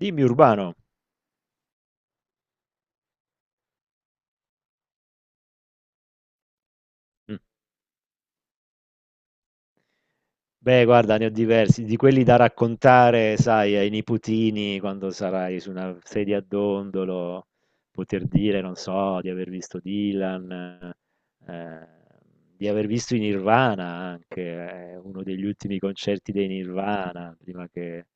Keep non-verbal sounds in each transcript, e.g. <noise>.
Dimmi Urbano. Mm. Beh, guarda, ne ho diversi, di quelli da raccontare, sai, ai nipotini quando sarai su una sedia a dondolo, poter dire, non so, di aver visto Dylan, eh, di aver visto i Nirvana anche, uno degli ultimi concerti dei Nirvana, prima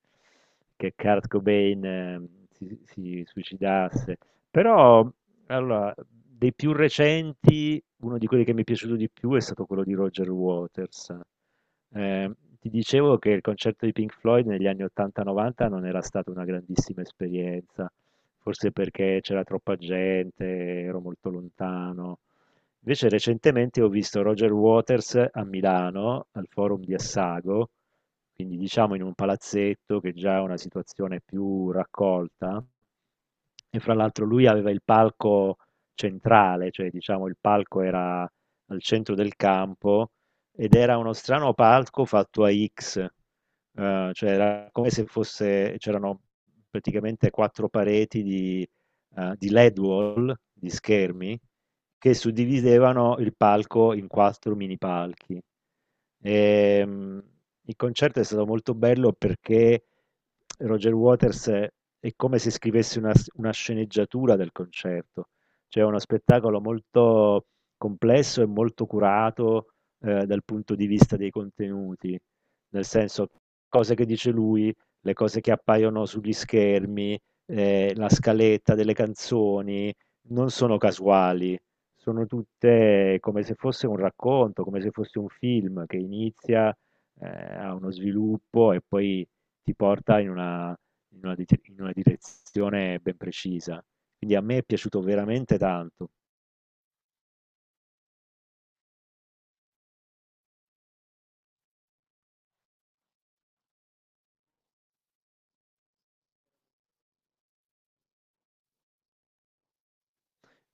che Kurt Cobain, si suicidasse. Però, allora, dei più recenti, uno di quelli che mi è piaciuto di più è stato quello di Roger Waters. Ti dicevo che il concerto di Pink Floyd negli anni 80-90 non era stata una grandissima esperienza, forse perché c'era troppa gente, ero molto lontano. Invece recentemente ho visto Roger Waters a Milano, al Forum di Assago, quindi diciamo in un palazzetto che già è una situazione più raccolta, e fra l'altro lui aveva il palco centrale, cioè diciamo il palco era al centro del campo ed era uno strano palco fatto a X, cioè era come se fosse, c'erano praticamente quattro pareti di LED wall, di schermi, che suddividevano il palco in 4 mini palchi. Ehm, il concerto è stato molto bello perché Roger Waters è come se scrivesse una sceneggiatura del concerto, cioè è uno spettacolo molto complesso e molto curato, dal punto di vista dei contenuti, nel senso cose che dice lui, le cose che appaiono sugli schermi, la scaletta delle canzoni non sono casuali, sono tutte come se fosse un racconto, come se fosse un film che inizia, ehm, ha uno sviluppo e poi ti porta in una dite in una direzione ben precisa. Quindi a me è piaciuto veramente tanto.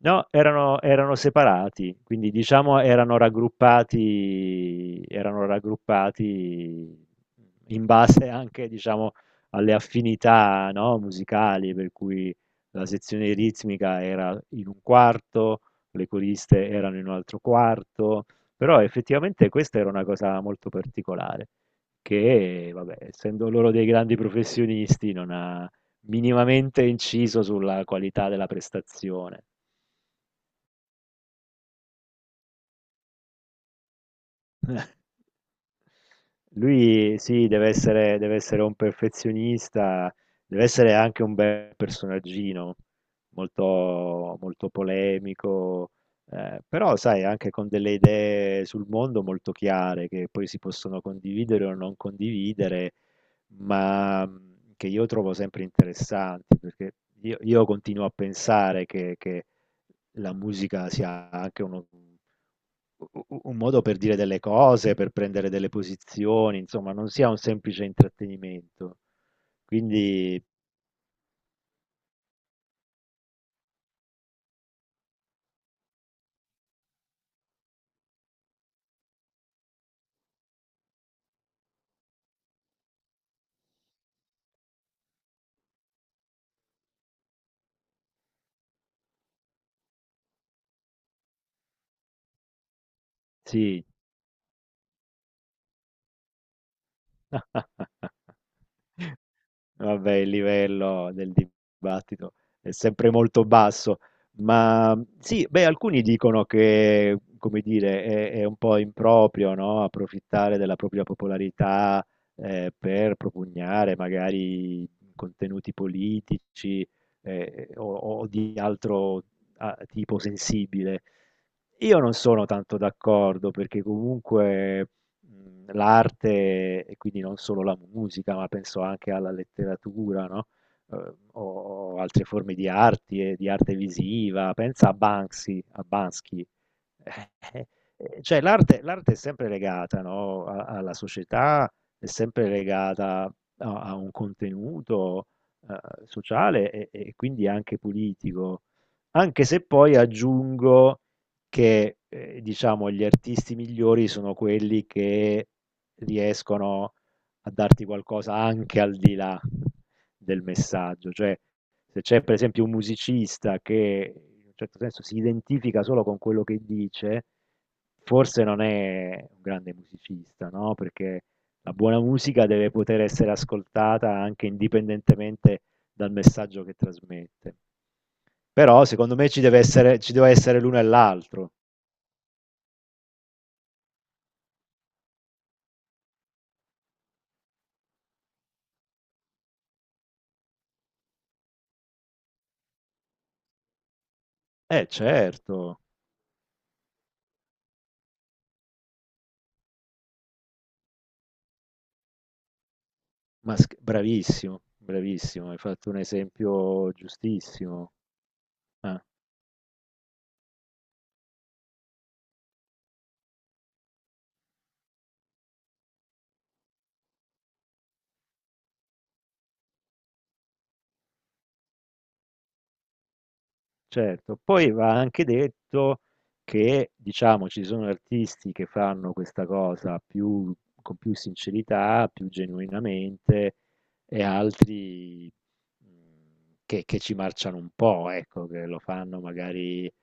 No, erano separati, quindi diciamo erano raggruppati in base anche, diciamo, alle affinità, no, musicali, per cui la sezione ritmica era in un quarto, le coriste erano in un altro quarto, però effettivamente questa era una cosa molto particolare, che, vabbè, essendo loro dei grandi professionisti, non ha minimamente inciso sulla qualità della prestazione. Lui sì, deve essere un perfezionista, deve essere anche un bel personaggino, molto, molto polemico, però sai, anche con delle idee sul mondo molto chiare che poi si possono condividere o non condividere, ma che io trovo sempre interessanti, perché io continuo a pensare che la musica sia anche uno un modo per dire delle cose, per prendere delle posizioni, insomma, non sia un semplice intrattenimento. Quindi sì. <laughs> Vabbè, il livello del dibattito è sempre molto basso, ma sì, beh, alcuni dicono che, come dire, è un po' improprio, no? Approfittare della propria popolarità, per propugnare magari contenuti politici, eh, o, o di altro, ah, tipo sensibile. Io non sono tanto d'accordo perché comunque mhmm, l'arte e quindi non solo la musica, ma penso anche alla letteratura, no, o altre forme di arti e di arte visiva. Pensa a Banksy, <laughs> cioè l'arte è sempre legata, no, alla società, è sempre legata a, a un contenuto, sociale e quindi anche politico, anche se poi aggiungo che, diciamo gli artisti migliori sono quelli che riescono a darti qualcosa anche al di là del messaggio, cioè se c'è per esempio un musicista che in un certo senso si identifica solo con quello che dice, forse non è un grande musicista, no? Perché la buona musica deve poter essere ascoltata anche indipendentemente dal messaggio che trasmette. Però secondo me ci deve essere l'uno e l'altro. Eh certo, bravissimo, bravissimo, hai fatto un esempio giustissimo. Eh. Certo, poi va anche detto che, diciamo, ci sono artisti che fanno questa cosa più con più sincerità, più genuinamente, e altri mh, che ci marciano un po', ecco, che lo fanno magari,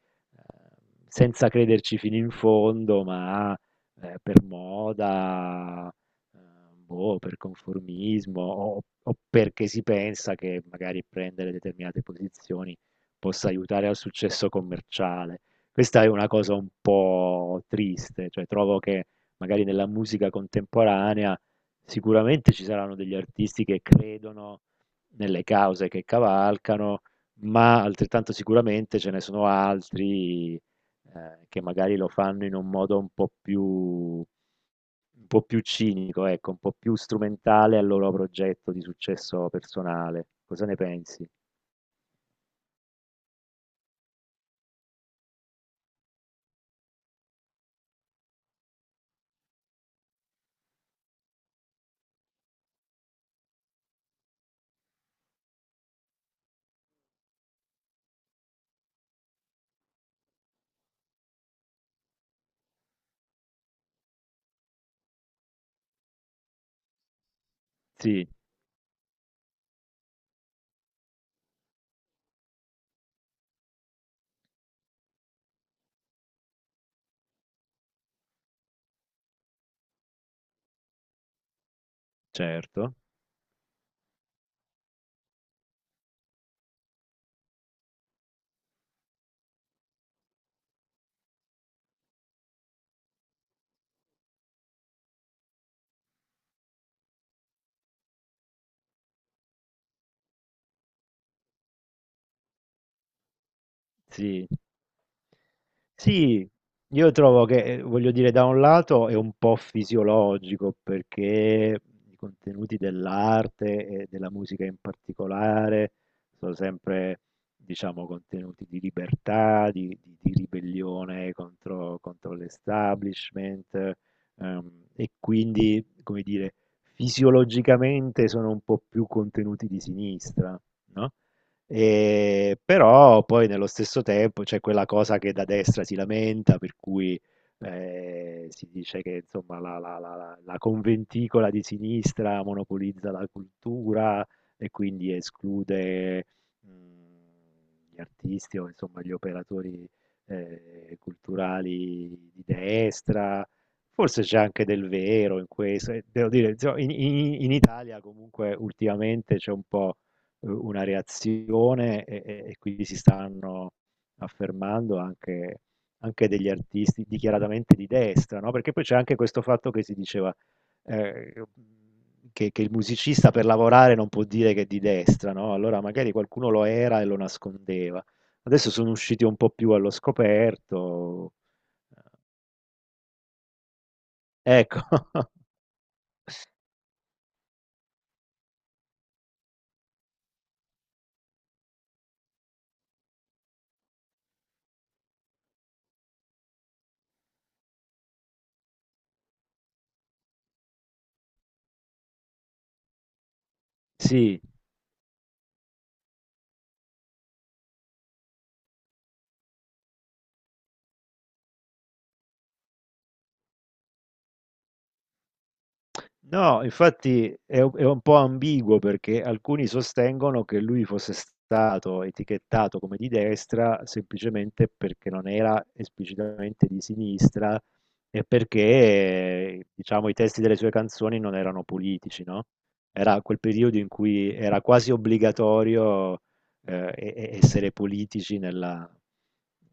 senza crederci fino in fondo, ma, per moda, eh, boh, per conformismo o perché si pensa che magari prendere determinate posizioni possa aiutare al successo commerciale. Questa è una cosa un po' triste, cioè trovo che magari nella musica contemporanea sicuramente ci saranno degli artisti che credono nelle cause che cavalcano, ma altrettanto sicuramente ce ne sono altri, che magari lo fanno in un modo un po' più cinico, ecco, un po' più strumentale al loro progetto di successo personale. Cosa ne pensi? Sì, certo. Sì. Sì, io trovo che, voglio dire, da un lato è un po' fisiologico perché i contenuti dell'arte e della musica in particolare sono sempre, diciamo, contenuti di libertà, di, di ribellione contro, contro l'establishment, ehm, e quindi, come dire, fisiologicamente sono un po' più contenuti di sinistra, no? Però poi nello stesso tempo c'è quella cosa che da destra si lamenta, per cui, si dice che insomma, la, la conventicola di sinistra monopolizza la cultura e quindi esclude mh, gli artisti o insomma, gli operatori, culturali di destra. Forse c'è anche del vero in questo, e devo dire, insomma, in in Italia comunque ultimamente c'è un po' u una reazione e quindi si stanno affermando anche degli artisti dichiaratamente di destra, no, perché poi c'è anche questo fatto che si diceva, ehm, che il musicista per lavorare non può dire che è di destra, no, allora magari qualcuno lo era e lo nascondeva. Adesso sono usciti un po' più allo scoperto. Ecco. <laughs> Sì. No, infatti è un po' ambiguo perché alcuni sostengono che lui fosse stato etichettato come di destra semplicemente perché non era esplicitamente di sinistra e perché, diciamo, i testi delle sue canzoni non erano politici, no? Era quel periodo in cui era quasi obbligatorio, essere politici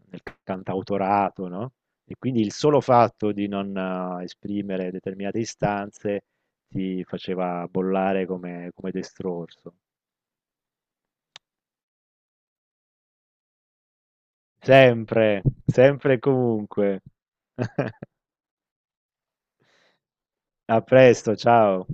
nel cantautorato, no? E quindi il solo fatto di non, esprimere determinate istanze ti faceva bollare come, come destrorso. Sempre, sempre e comunque. <laughs> A presto, ciao.